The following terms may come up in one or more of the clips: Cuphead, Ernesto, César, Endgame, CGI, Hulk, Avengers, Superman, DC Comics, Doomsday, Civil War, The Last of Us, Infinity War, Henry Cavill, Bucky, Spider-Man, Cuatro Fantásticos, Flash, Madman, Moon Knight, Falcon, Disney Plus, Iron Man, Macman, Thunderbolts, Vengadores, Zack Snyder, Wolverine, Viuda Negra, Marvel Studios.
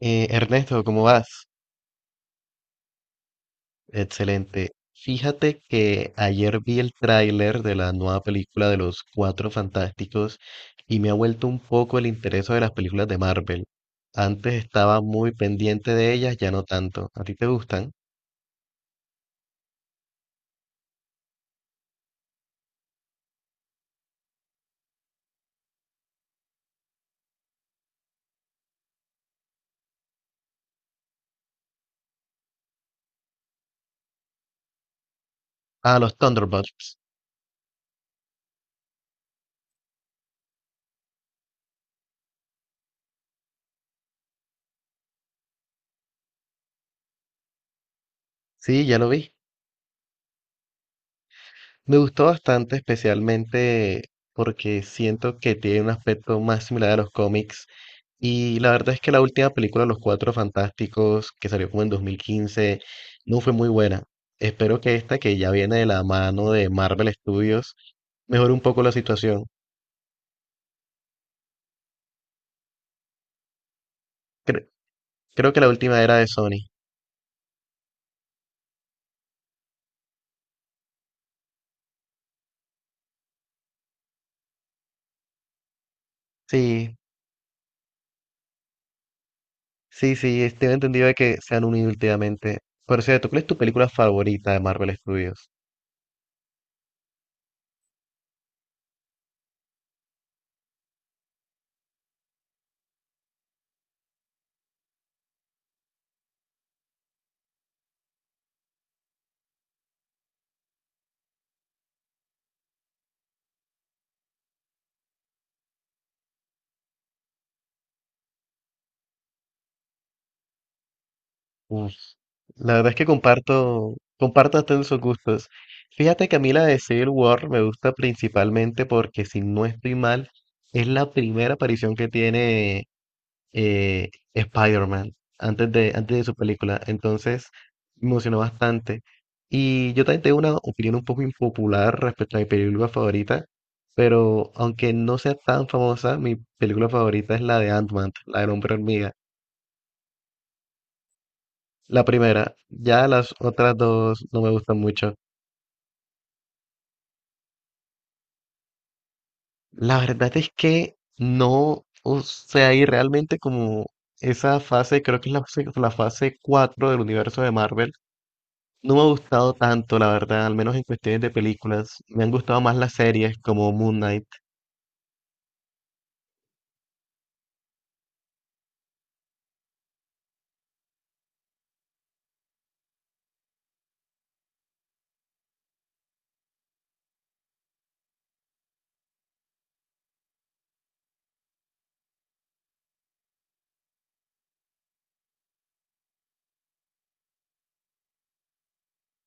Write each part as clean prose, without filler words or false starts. Ernesto, ¿cómo vas? Excelente. Fíjate que ayer vi el tráiler de la nueva película de los Cuatro Fantásticos y me ha vuelto un poco el interés de las películas de Marvel. Antes estaba muy pendiente de ellas, ya no tanto. ¿A ti te gustan? Ah, los Thunderbolts. Sí, ya lo vi. Me gustó bastante, especialmente porque siento que tiene un aspecto más similar a los cómics. Y la verdad es que la última película, Los Cuatro Fantásticos, que salió como en 2015, no fue muy buena. Espero que esta, que ya viene de la mano de Marvel Studios, mejore un poco la situación. Cre- creo que la última era de Sony. Sí, sí, tengo entendido de que se han unido últimamente. Por cierto, ¿cuál es tu película favorita de Marvel Studios? Uf, la verdad es que comparto hasta en sus gustos. Fíjate que a mí la de Civil War me gusta principalmente porque, si no estoy mal, es la primera aparición que tiene Spider-Man antes de su película. Entonces, me emocionó bastante. Y yo también tengo una opinión un poco impopular respecto a mi película favorita, pero aunque no sea tan famosa, mi película favorita es la de Ant-Man, la del hombre hormiga. La primera, ya las otras dos no me gustan mucho. La verdad es que no, o sea, y realmente como esa fase, creo que es la fase 4 del universo de Marvel, no me ha gustado tanto, la verdad, al menos en cuestiones de películas. Me han gustado más las series como Moon Knight.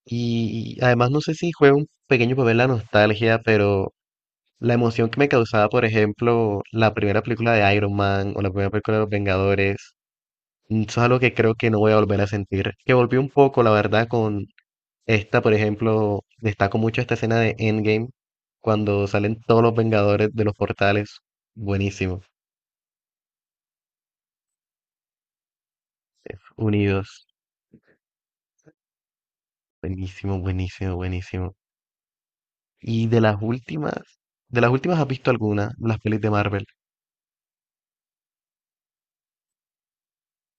Y además no sé si juega un pequeño papel la nostalgia, pero la emoción que me causaba, por ejemplo, la primera película de Iron Man o la primera película de Los Vengadores. Eso es algo que creo que no voy a volver a sentir. Que volví un poco, la verdad, con esta, por ejemplo, destaco mucho esta escena de Endgame, cuando salen todos los Vengadores de los portales. Buenísimo. Unidos. Buenísimo, buenísimo, buenísimo. Y de las últimas, ¿has visto alguna? Las pelis de Marvel.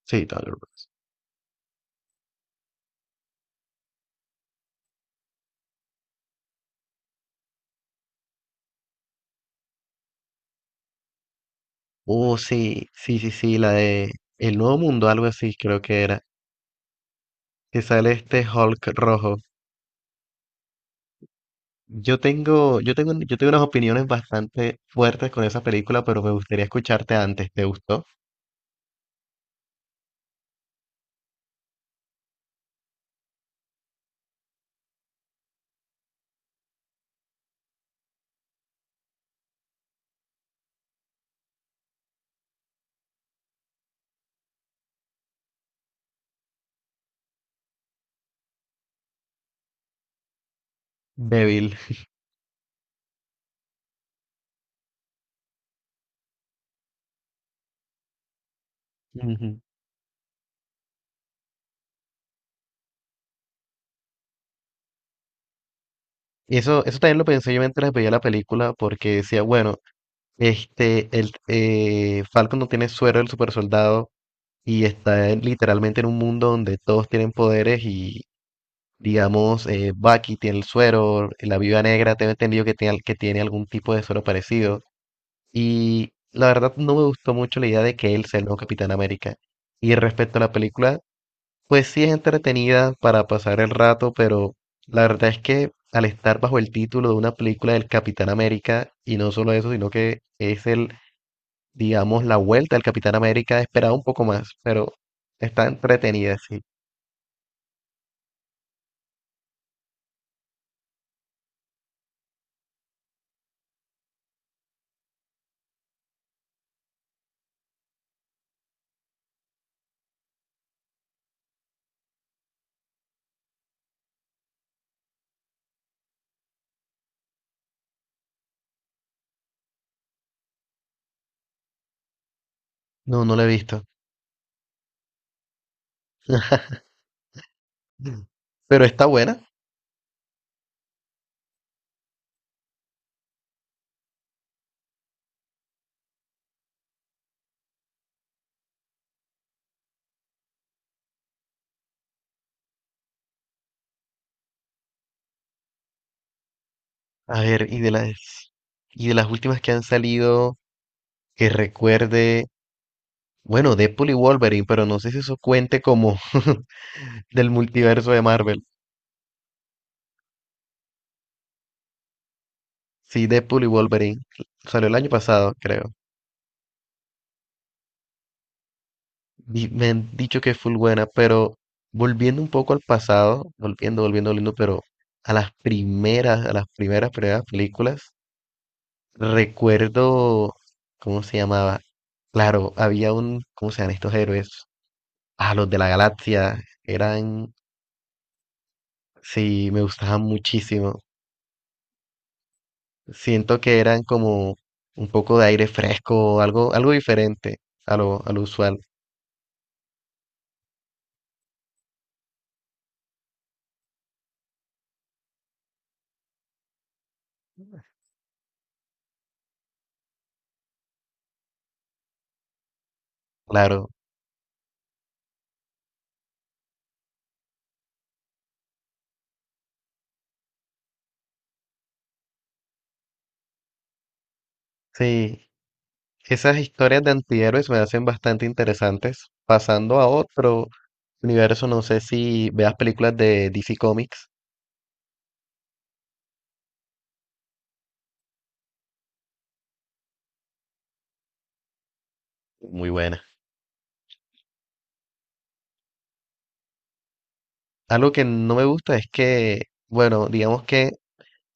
Sí, Thunderbolts. Oh, sí, la de El Nuevo Mundo, algo así, creo que era. Que sale este Hulk rojo. Yo tengo unas opiniones bastante fuertes con esa película, pero me gustaría escucharte antes. ¿Te gustó? Débil. Ujú. Y eso también lo pensé yo mientras veía la película, porque decía, bueno, este, el Falcon no tiene suero del super soldado y literalmente en un mundo donde todos tienen poderes y, digamos, Bucky tiene el suero, la Viuda Negra, tengo entendido que tiene, que tiene algún tipo de suero parecido. Y la verdad no me gustó mucho la idea de que él sea el nuevo Capitán América. Y respecto a la película, pues sí es entretenida para pasar el rato, pero la verdad es que al estar bajo el título de una película del Capitán América, y no solo eso, sino que es el, digamos, la vuelta del Capitán América, esperaba un poco más, pero está entretenida, sí. No, no la he visto. Mm. Pero está buena. A ver, y de las últimas que han salido, que recuerde. Bueno, Deadpool y Wolverine, pero no sé si eso cuente como del multiverso de Marvel. Sí, Deadpool y Wolverine. Salió el año pasado, creo. Y me han dicho que es full buena, pero volviendo un poco al pasado, volviendo, pero a las primeras, primeras películas, recuerdo, ¿cómo se llamaba? Claro, había un, ¿cómo se llaman estos héroes? Ah, los de la galaxia, eran, sí, me gustaban muchísimo. Siento que eran como un poco de aire fresco, algo, algo diferente a a lo usual, claro. Sí, esas historias de antihéroes me hacen bastante interesantes. Pasando a otro universo, no sé si veas películas de DC Comics, muy buenas. Algo que no me gusta es que, bueno, digamos que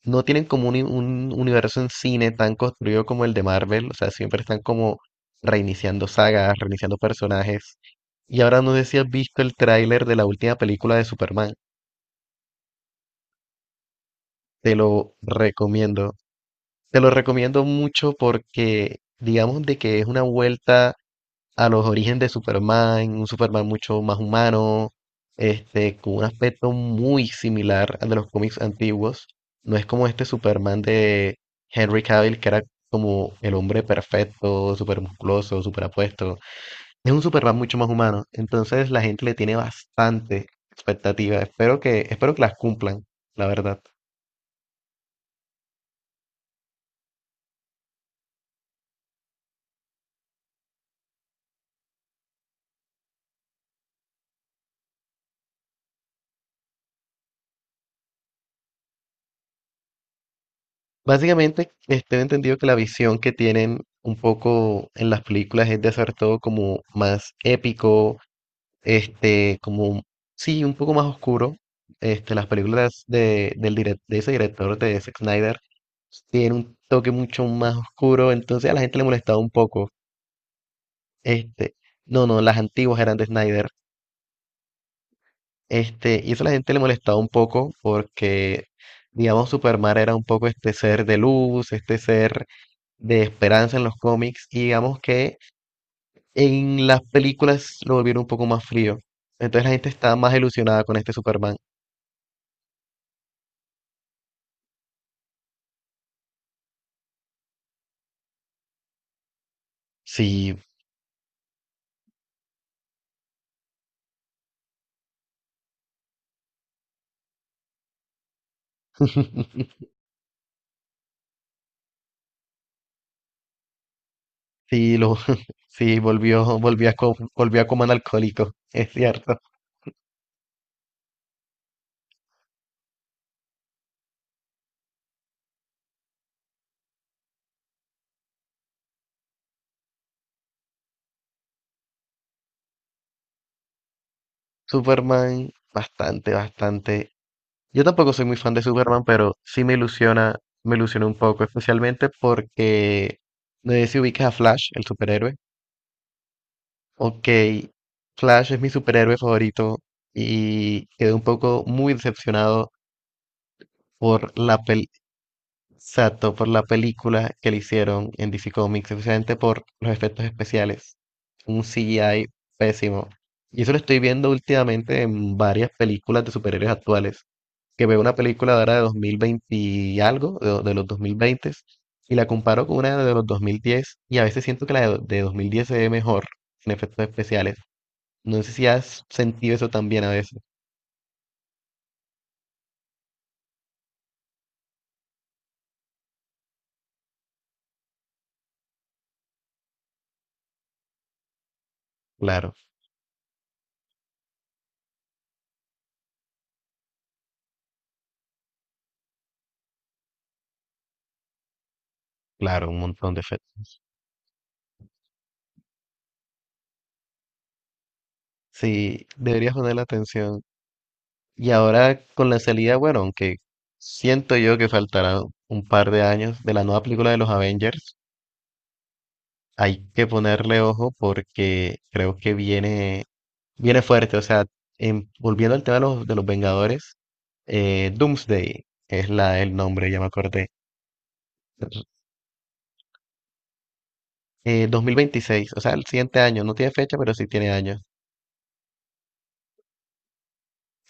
no tienen como un universo en cine tan construido como el de Marvel, o sea, siempre están como reiniciando sagas, reiniciando personajes. Y ahora no sé si has visto el tráiler de la última película de Superman. Te lo recomiendo. Te lo recomiendo mucho porque digamos de que es una vuelta a los orígenes de Superman, un Superman mucho más humano, este, con un aspecto muy similar al de los cómics antiguos. No es como este Superman de Henry Cavill, que era como el hombre perfecto, súper musculoso, súper apuesto. Es un Superman mucho más humano, entonces la gente le tiene bastante expectativa. Espero que las cumplan, la verdad. Básicamente, este, he entendido que la visión que tienen un poco en las películas es de hacer todo como más épico, este, como, sí, un poco más oscuro. Este, las películas de ese director, de Zack Snyder, tienen un toque mucho más oscuro, entonces a la gente le molestaba un poco. Este, no, no, las antiguas eran de Snyder. Este, y eso a la gente le molestaba un poco porque, digamos, Superman era un poco este ser de luz, este ser de esperanza en los cómics, y digamos que en las películas lo volvieron un poco más frío. Entonces la gente estaba más ilusionada con este Superman. Sí, sí, lo, sí, volvió, volvió a comer alcohólico, es cierto. Superman, bastante, bastante. Yo tampoco soy muy fan de Superman, pero sí me ilusiona un poco, especialmente porque no sé si ubicas a Flash, el superhéroe. Ok, Flash es mi superhéroe favorito y quedé un poco muy decepcionado por la pel exacto, por la película que le hicieron en DC Comics, especialmente por los efectos especiales. Un CGI pésimo. Y eso lo estoy viendo últimamente en varias películas de superhéroes actuales, que veo una película de ahora de 2020 y algo, de los 2020, y la comparo con una de los 2010, y a veces siento que la de 2010 se ve mejor en efectos especiales. No sé si has sentido eso también a veces. Claro, claro, un montón de efectos. Sí, deberías poner la atención. Y ahora con la salida, bueno, aunque siento yo que faltará un par de años de la nueva película de los Avengers, hay que ponerle ojo porque creo que viene. Viene fuerte, o sea, volviendo al tema de de los Vengadores, Doomsday es la, el nombre, ya me acordé. 2026, o sea, el siguiente año, no tiene fecha, pero sí tiene años.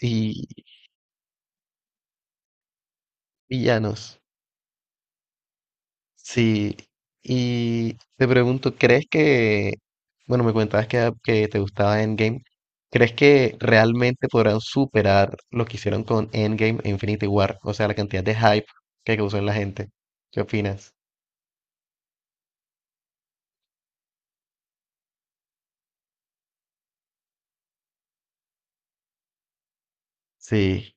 Y villanos, sí. Y te pregunto, ¿crees que, bueno, me comentabas que te gustaba Endgame, ¿crees que realmente podrán superar lo que hicieron con Endgame e Infinity War? O sea, la cantidad de hype que causó en la gente. ¿Qué opinas? Sí.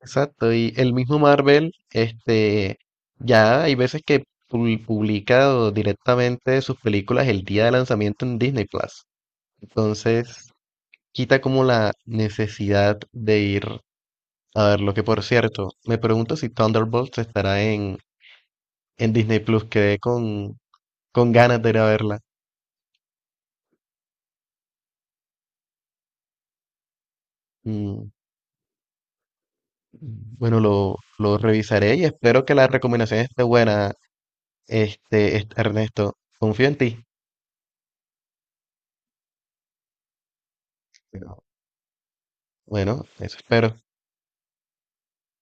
Exacto, y el mismo Marvel, este, ya hay veces que publica o directamente sus películas el día de lanzamiento en Disney Plus. Entonces, quita como la necesidad de ir a verlo, que por cierto, me pregunto si Thunderbolts estará en Disney Plus. Quedé con ganas de ir a verla. Mm, bueno, lo revisaré y espero que la recomendación esté buena, este, Ernesto. Confío en ti. Pero, bueno, eso espero.